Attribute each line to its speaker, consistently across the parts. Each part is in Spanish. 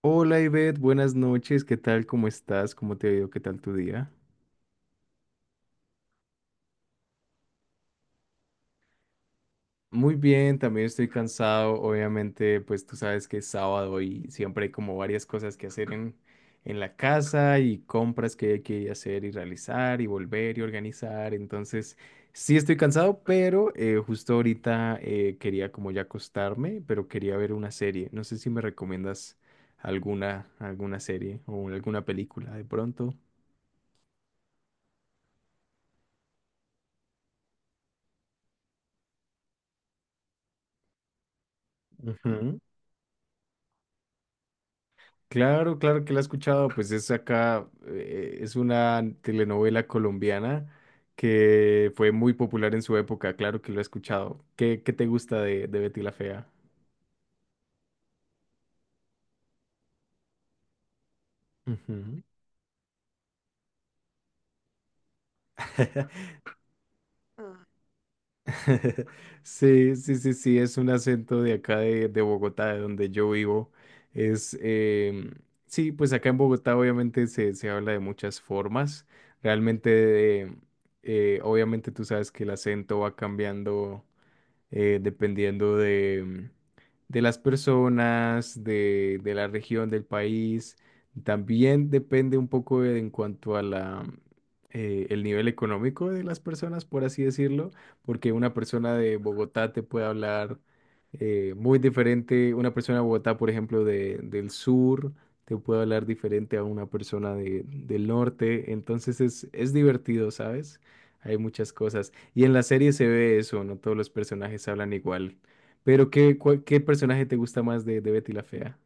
Speaker 1: Hola Ivette, buenas noches, ¿qué tal? ¿Cómo estás? ¿Cómo te ha ido? ¿Qué tal tu día? Muy bien, también estoy cansado, obviamente, pues tú sabes que es sábado y siempre hay como varias cosas que hacer en la casa y compras que hay que hacer y realizar y volver y organizar, entonces sí estoy cansado, pero justo ahorita quería como ya acostarme, pero quería ver una serie, no sé si me recomiendas alguna serie o alguna película de pronto. Claro, claro que la he escuchado, pues es acá, es una telenovela colombiana que fue muy popular en su época, claro que lo he escuchado. ¿Qué te gusta de Betty la Fea? Ujú. Sí, sí, sí, sí, es un acento de acá de Bogotá, de donde yo vivo. Es, em, sí, pues acá en Bogotá obviamente se habla de muchas formas. Realmente, obviamente tú sabes que el acento va cambiando dependiendo de las personas, de la región, del país. También depende un poco en cuanto a la, el nivel económico de las personas, por así decirlo, porque una persona de Bogotá te puede hablar muy diferente, una persona de Bogotá, por ejemplo, del sur, te puede hablar diferente a una persona del norte, entonces es divertido, ¿sabes? Hay muchas cosas. Y en la serie se ve eso, no todos los personajes hablan igual. Pero ¿ qué personaje te gusta más de Betty la Fea?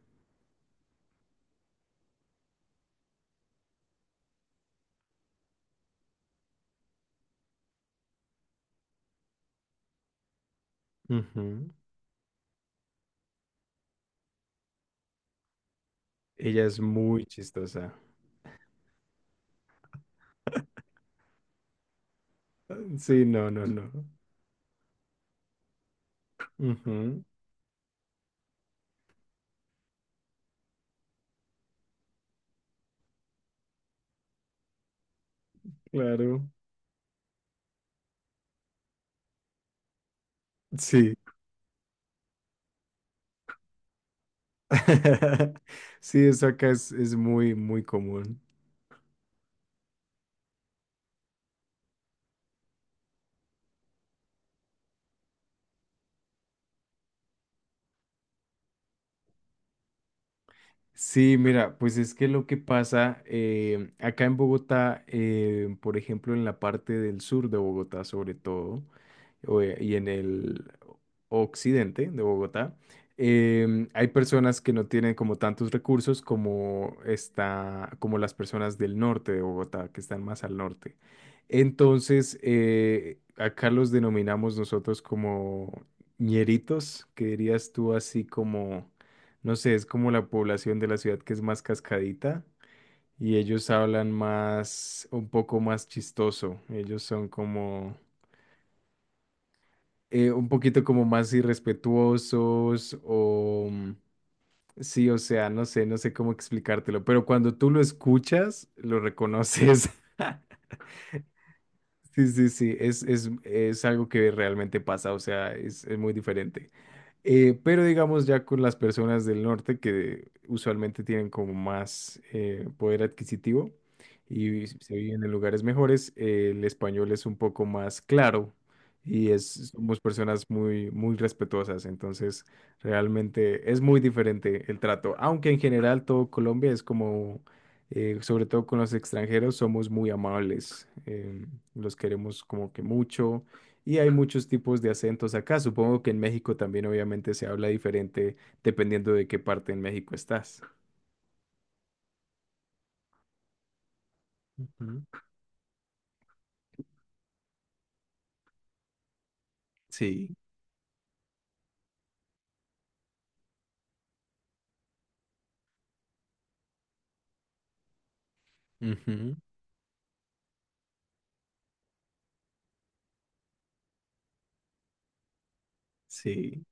Speaker 1: Ujú. Ella es muy chistosa. Sí, no, no, no. Ujú. Claro. Sí. Sí, eso acá es muy, muy común. Sí, mira, pues es que lo que pasa acá en Bogotá, por ejemplo, en la parte del sur de Bogotá sobre todo, o, y en el occidente de Bogotá, hay personas que no tienen como tantos recursos como está, como las personas del norte de Bogotá, que están más al norte. Entonces, acá los denominamos nosotros como ñeritos, que dirías tú así como, no sé, es como la población de la ciudad que es más cascadita. Y ellos hablan más, un poco más chistoso. Ellos son como, un poquito como más irrespetuosos o sí, o sea, no sé, no sé cómo explicártelo, pero cuando tú lo escuchas, lo reconoces. Sí, sí, sí, es algo que realmente pasa, o sea, es muy diferente. Pero digamos ya con las personas del norte que usualmente tienen como más poder adquisitivo y se viven en lugares mejores, el español es un poco más claro y es, somos personas muy, muy respetuosas, entonces realmente es muy diferente el trato, aunque en general todo Colombia es como, sobre todo con los extranjeros, somos muy amables, los queremos como que mucho y hay muchos tipos de acentos acá. Supongo que en México también obviamente se habla diferente dependiendo de qué parte en México estás. Ujú. Sí. Ujú. Sí.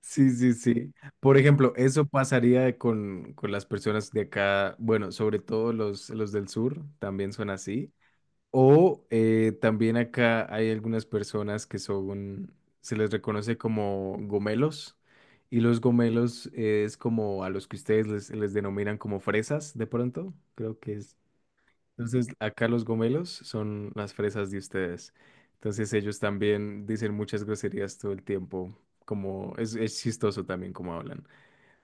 Speaker 1: Sí, sí, sí. Por ejemplo, eso pasaría con las personas de acá, bueno, sobre todo los del sur, también son así. O también acá hay algunas personas que son, se les reconoce como gomelos, y los gomelos es como a los que ustedes les denominan como fresas, de pronto, creo que es. Entonces, acá los gomelos son las fresas de ustedes. Entonces, ellos también dicen muchas groserías todo el tiempo, como es chistoso también como hablan.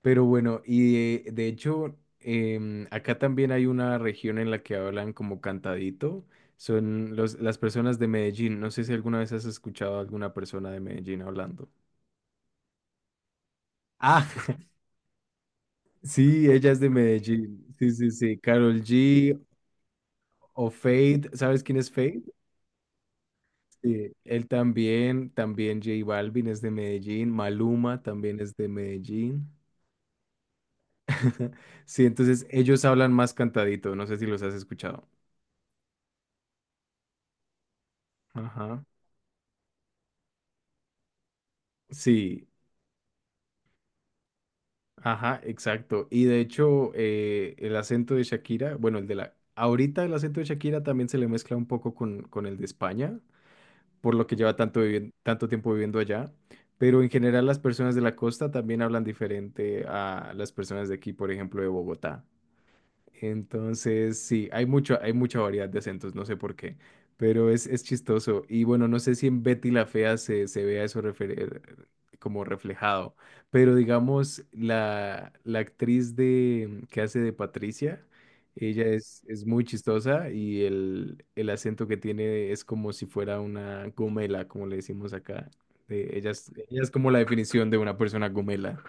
Speaker 1: Pero bueno, y de hecho, acá también hay una región en la que hablan como cantadito. Son los, las personas de Medellín. No sé si alguna vez has escuchado a alguna persona de Medellín hablando. Ah, sí, ella es de Medellín. Sí, sí, sí. Karol G o Fade. ¿Sabes quién es Fade? Sí, él también. También J Balvin es de Medellín. Maluma también es de Medellín. Sí, entonces ellos hablan más cantadito. No sé si los has escuchado. Ajá. Sí. Ajá, exacto. Y de hecho, el acento de Shakira, bueno, el de la... Ahorita el acento de Shakira también se le mezcla un poco con el de España, por lo que lleva tanto, tanto tiempo viviendo allá. Pero en general las personas de la costa también hablan diferente a las personas de aquí, por ejemplo, de Bogotá. Entonces, sí, hay mucho, hay mucha variedad de acentos, no sé por qué, pero es chistoso. Y bueno, no sé si en Betty la Fea se vea eso como reflejado, pero digamos, la actriz que hace de Patricia, ella es muy chistosa y el acento que tiene es como si fuera una gomela, como le decimos acá. Ella es, ella es como la definición de una persona gomela.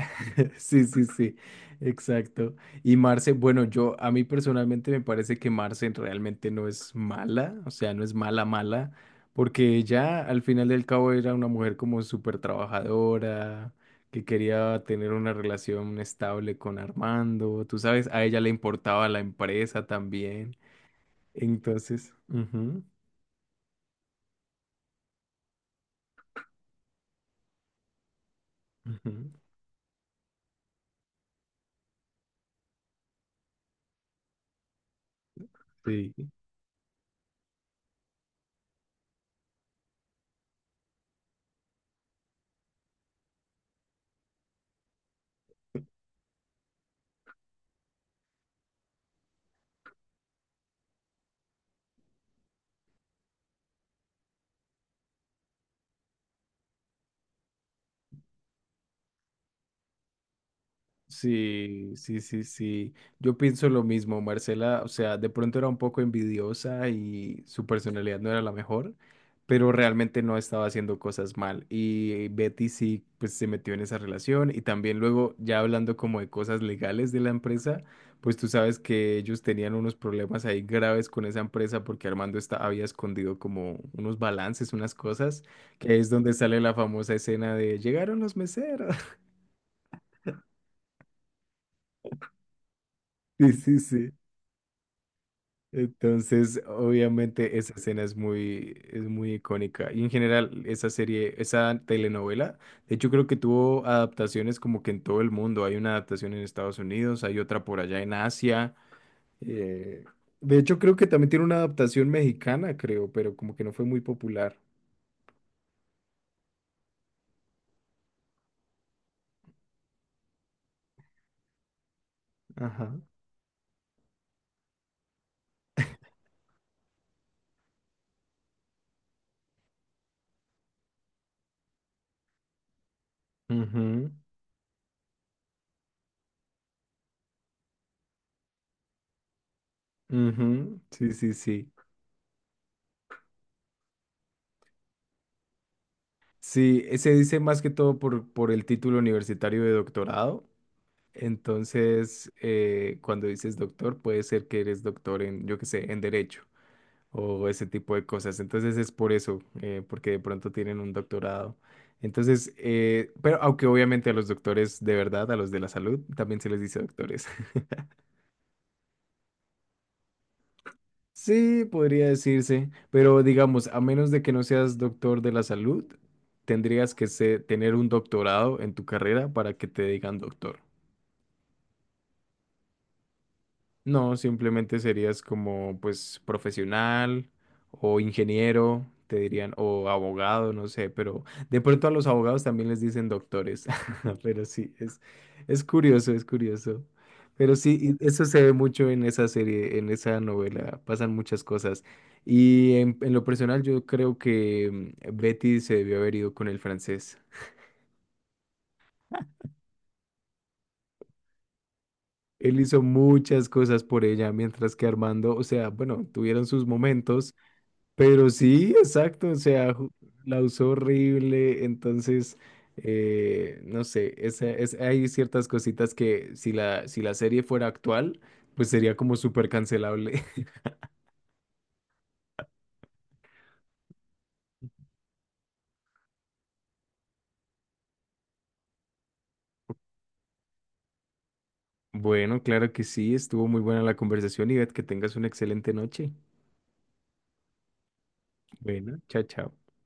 Speaker 1: Sí, sí, sí, exacto. Y Marce, bueno, yo a mí personalmente me parece que Marce realmente no es mala, o sea, no es mala, mala, porque ella al final del cabo era una mujer como súper trabajadora, que quería tener una relación estable con Armando, tú sabes, a ella le importaba la empresa también. Entonces, ujú, ujú, sí. Sí, sí, sí, sí. Yo pienso lo mismo, Marcela. O sea, de pronto era un poco envidiosa y su personalidad no era la mejor, pero realmente no estaba haciendo cosas mal. Y Betty sí, pues se metió en esa relación. Y también luego, ya hablando como de cosas legales de la empresa, pues tú sabes que ellos tenían unos problemas ahí graves con esa empresa porque Armando está, había escondido como unos balances, unas cosas, que es donde sale la famosa escena de llegaron los meseros. Sí, sí, sí. Entonces, obviamente esa escena es muy icónica. Y en general, esa serie, esa telenovela, de hecho creo que tuvo adaptaciones como que en todo el mundo. Hay una adaptación en Estados Unidos, hay otra por allá en Asia. eh, de hecho creo que también tiene una adaptación mexicana, creo, pero como que no fue muy popular. Ajá. Ujú, ujú. Sí, sí, sí. Sí, se dice más que todo por el título universitario de doctorado. Entonces, cuando dices doctor, puede ser que eres doctor en, yo qué sé, en derecho o ese tipo de cosas. Entonces es por eso, porque de pronto tienen un doctorado. Entonces, pero aunque obviamente a los doctores de verdad, a los de la salud, también se les dice doctores. Sí, podría decirse, pero digamos, a menos de que no seas doctor de la salud, tendrías que tener un doctorado en tu carrera para que te digan doctor. No, simplemente serías como pues profesional o ingeniero, te dirían, o abogado, no sé, pero de pronto a los abogados también les dicen doctores, pero sí, es curioso, es curioso. Pero sí, y eso se ve mucho en esa serie, en esa novela, pasan muchas cosas. Y en lo personal yo creo que Betty se debió haber ido con el francés. Él hizo muchas cosas por ella, mientras que Armando, o sea, bueno, tuvieron sus momentos. Pero sí, exacto, o sea, la usó horrible, entonces, no sé, hay ciertas cositas que si la serie fuera actual, pues sería como súper cancelable. Bueno, claro que sí, estuvo muy buena la conversación y Ivette, que tengas una excelente noche. Bueno, chao, chao.